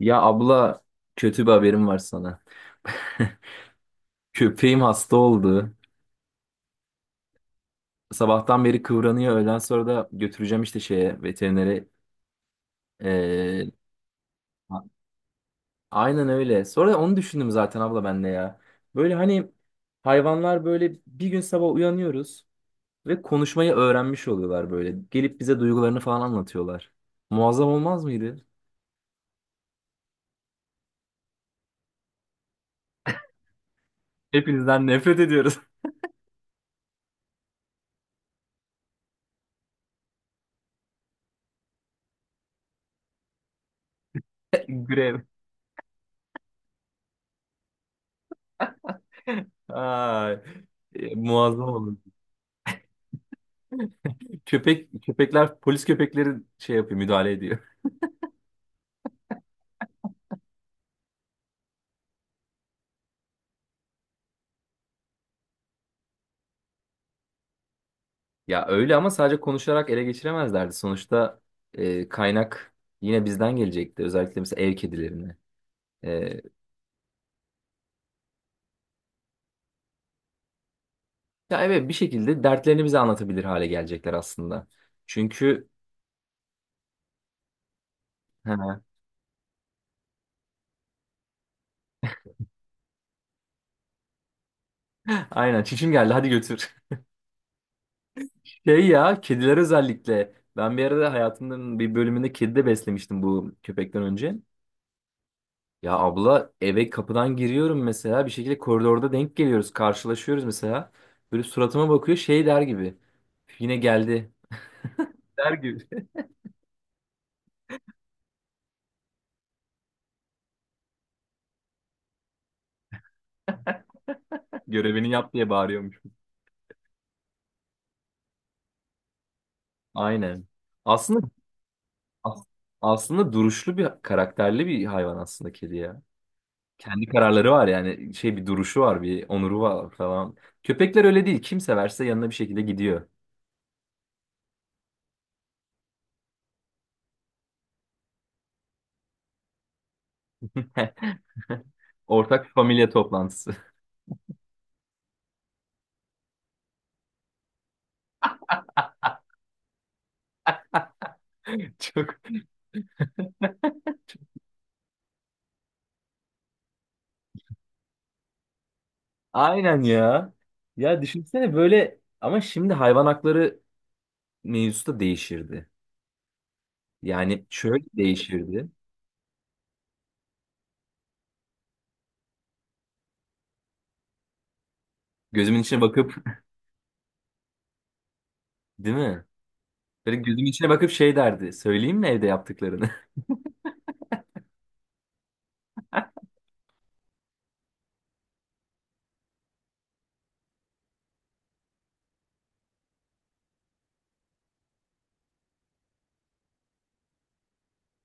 Ya abla, kötü bir haberim var sana. Köpeğim hasta oldu. Sabahtan beri kıvranıyor. Öğlen sonra da götüreceğim işte şeye, veterinere. Ee, a- aynen öyle. Sonra onu düşündüm zaten abla, ben de ya. Böyle hani hayvanlar böyle bir gün sabah uyanıyoruz ve konuşmayı öğrenmiş oluyorlar böyle. Gelip bize duygularını falan anlatıyorlar. Muazzam olmaz mıydı? Hepinizden nefret ediyoruz. Grev. Ay, muazzam olur. Köpekler polis köpekleri şey yapıyor, müdahale ediyor. Ya öyle ama sadece konuşarak ele geçiremezlerdi. Sonuçta kaynak yine bizden gelecekti. Özellikle mesela ev kedilerini. E, ya evet, bir şekilde dertlerini bize anlatabilir hale gelecekler aslında. Çünkü he, aynen, çişim geldi hadi götür. Şey ya, kediler özellikle. Ben bir arada hayatımın bir bölümünde kedi de beslemiştim bu köpekten önce. Ya abla, eve kapıdan giriyorum mesela, bir şekilde koridorda denk geliyoruz, karşılaşıyoruz mesela. Böyle suratıma bakıyor şey der gibi. Yine geldi der gibi. Görevini yap diye bağırıyormuş. Aynen. Aslında as- Aslında duruşlu bir, karakterli bir hayvan aslında kedi ya. Kendi kararları var, yani şey, bir duruşu var, bir onuru var falan. Köpekler öyle değil. Kim severse yanına bir şekilde gidiyor. Ortak familya toplantısı. Çok. Aynen ya. Ya düşünsene böyle ama şimdi hayvan hakları mevzusu da değişirdi. Yani şöyle değişirdi. Gözümün içine bakıp değil mi? Böyle gözümün içine bakıp şey derdi. Söyleyeyim mi evde yaptıklarını?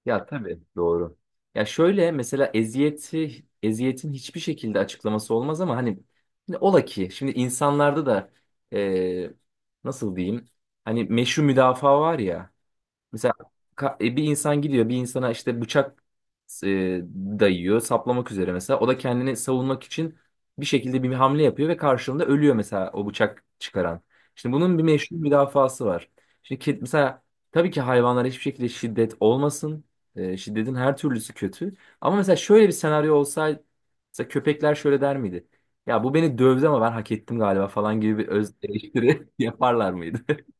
Ya tabii doğru. Ya şöyle mesela, eziyetin hiçbir şekilde açıklaması olmaz ama hani, şimdi ola ki şimdi insanlarda da eee, nasıl diyeyim? Hani meşru müdafaa var ya. Mesela bir insan gidiyor bir insana işte bıçak e, dayıyor, saplamak üzere mesela. O da kendini savunmak için bir şekilde bir hamle yapıyor ve karşılığında ölüyor mesela, o bıçak çıkaran. Şimdi bunun bir meşru müdafası var. Şimdi mesela, tabii ki hayvanlara hiçbir şekilde şiddet olmasın. E, şiddetin her türlüsü kötü. Ama mesela şöyle bir senaryo olsaydı, mesela köpekler şöyle der miydi? Ya bu beni dövdü ama ben hak ettim galiba falan gibi bir öz eleştiri yaparlar mıydı?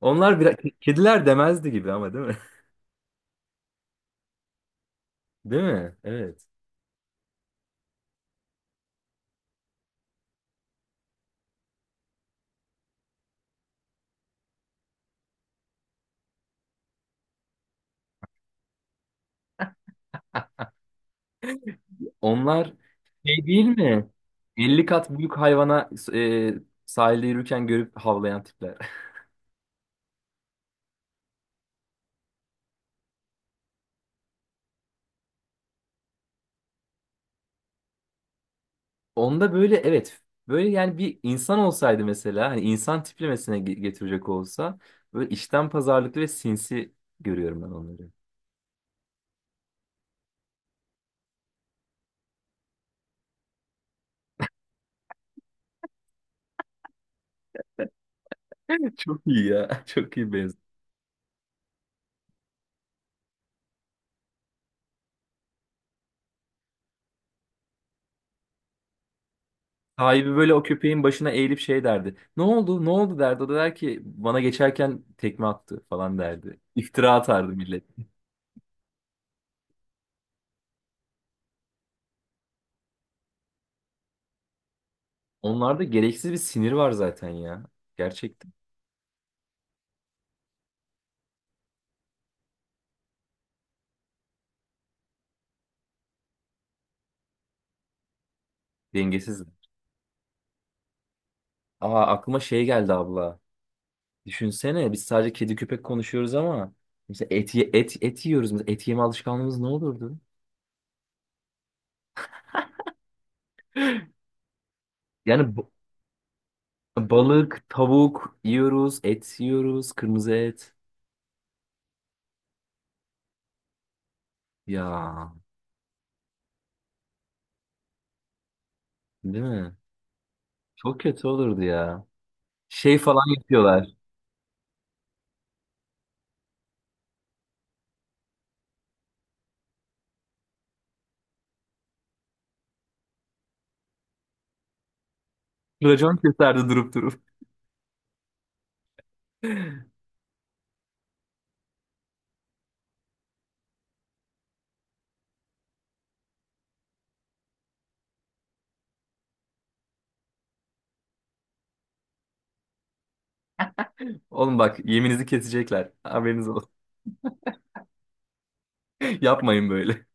Onlar biraz, kediler demezdi gibi ama, değil mi? Değil mi? Evet. Onlar şey değil mi? 50 kat büyük hayvana sahilde yürürken görüp havlayan tipler. Onda böyle evet. Böyle yani bir insan olsaydı mesela, hani insan tiplemesine getirecek olsa, böyle işten pazarlıklı ve sinsi görüyorum ben onları. Çok iyi ya. Çok iyi benziyor. Sahibi böyle o köpeğin başına eğilip şey derdi. Ne oldu? Ne oldu derdi. O da der ki, bana geçerken tekme attı falan derdi. İftira atardı millet. Onlarda gereksiz bir sinir var zaten ya. Gerçekten. Dengesiz. Aa, aklıma şey geldi abla. Düşünsene biz sadece kedi köpek konuşuyoruz ama mesela et yiyoruz. Mesela et yeme alışkanlığımız ne olurdu? Yani balık, tavuk yiyoruz, et yiyoruz, kırmızı et. Ya değil mi? Çok kötü olurdu ya. Şey falan yapıyorlar. Racon keserdi durup durup. Oğlum bak, yeminizi kesecekler. Haberiniz olsun. Yapmayın böyle.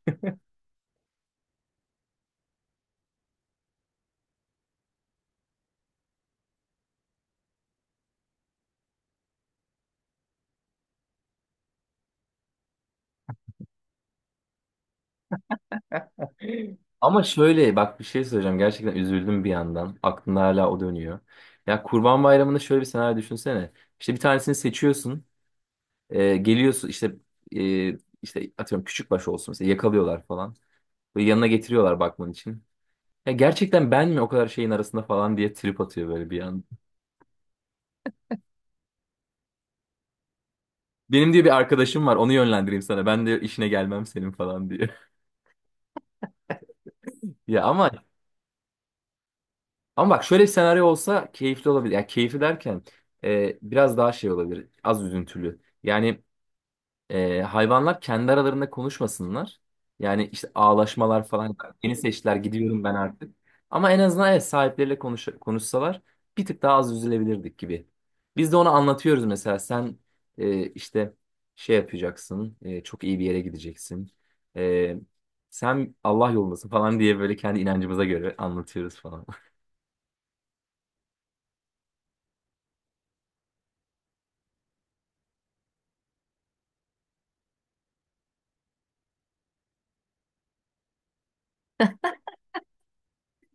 Ama şöyle bak, bir şey söyleyeceğim. Gerçekten üzüldüm bir yandan. Aklımda hala o dönüyor. Ya Kurban Bayramı'nda şöyle bir senaryo düşünsene. İşte bir tanesini seçiyorsun. E, geliyorsun işte, e, işte atıyorum, küçükbaş olsun mesela, yakalıyorlar falan. Böyle yanına getiriyorlar bakman için. Ya gerçekten ben mi o kadar şeyin arasında falan diye trip atıyor böyle bir yandan. Benim diye bir arkadaşım var, onu yönlendireyim sana. Ben de işine gelmem senin falan diye. Ya ama. Ama bak, şöyle bir senaryo olsa keyifli olabilir. Yani keyifli derken, biraz daha şey olabilir. Az üzüntülü. Yani hayvanlar kendi aralarında konuşmasınlar. Yani işte ağlaşmalar falan. Beni seçtiler, gidiyorum ben artık. Ama en azından, evet, sahipleriyle konuşsalar bir tık daha az üzülebilirdik gibi. Biz de onu anlatıyoruz mesela. Sen işte şey yapacaksın. Çok iyi bir yere gideceksin. E, Sen Allah yolundasın falan diye böyle kendi inancımıza göre anlatıyoruz falan.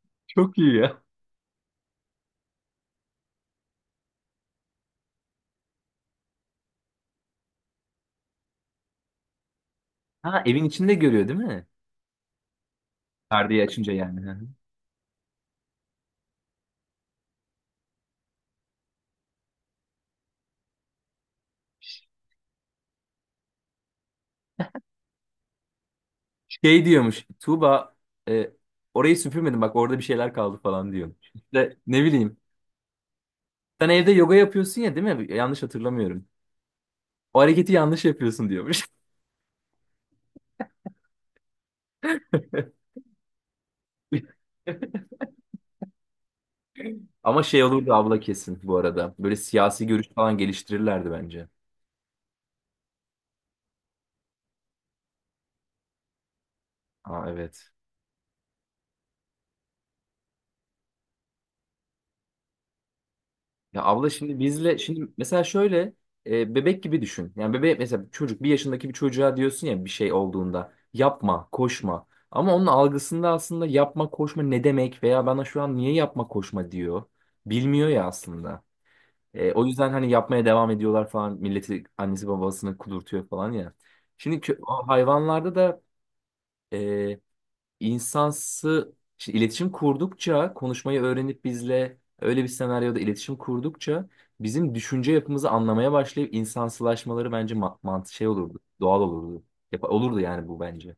Çok iyi ya. Ha, evin içinde görüyor değil mi? Perdeyi açınca yani. Hı hı. Şey diyormuş Tuğba, e, orayı süpürmedim bak, orada bir şeyler kaldı falan diyormuş. İşte ne bileyim, sen evde yoga yapıyorsun ya değil mi? Yanlış hatırlamıyorum. O hareketi yanlış yapıyorsun diyormuş. Ama şey olurdu abla kesin bu arada. Böyle siyasi görüş falan geliştirirlerdi bence. Aa evet. Ya abla şimdi bizle şimdi mesela şöyle, bebek gibi düşün. Yani bebek mesela, çocuk, bir yaşındaki bir çocuğa diyorsun ya bir şey olduğunda yapma, koşma. Ama onun algısında aslında yapma, koşma ne demek veya bana şu an niye yapma, koşma diyor. Bilmiyor ya aslında. E, o yüzden hani yapmaya devam ediyorlar falan, milleti, annesi babasını kudurtuyor falan ya. Şimdi o hayvanlarda da e, insansı, şimdi iletişim kurdukça konuşmayı öğrenip bizle öyle bir senaryoda iletişim kurdukça bizim düşünce yapımızı anlamaya başlayıp insansılaşmaları bence mantı, şey olurdu. Doğal olurdu. Yap olurdu yani bu bence.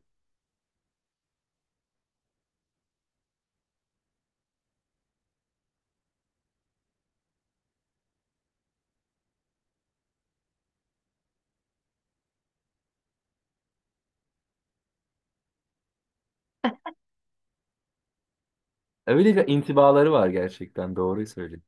Öyle bir intibaları var, gerçekten doğruyu söyledin.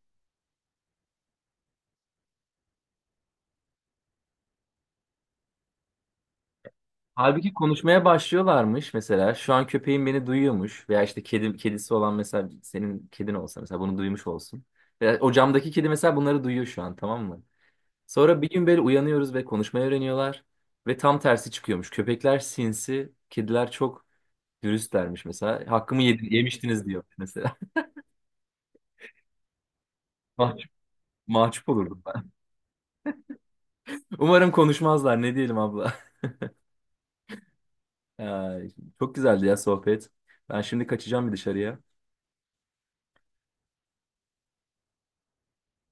Halbuki konuşmaya başlıyorlarmış mesela. Şu an köpeğim beni duyuyormuş veya işte kedim, kedisi olan mesela, senin kedin olsa mesela bunu duymuş olsun. Veya o camdaki kedi mesela bunları duyuyor şu an, tamam mı? Sonra bir gün böyle uyanıyoruz ve konuşmayı öğreniyorlar. Ve tam tersi çıkıyormuş. Köpekler sinsi, kediler çok dürüstlermiş mesela. Hakkımı yedin, yemiştiniz diyor mesela. Mahcup, mahcup olurdum ben. Umarım konuşmazlar. Ne diyelim abla. Ay, çok güzeldi ya sohbet. Ben şimdi kaçacağım bir dışarıya.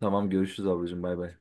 Tamam, görüşürüz ablacığım, bay bay.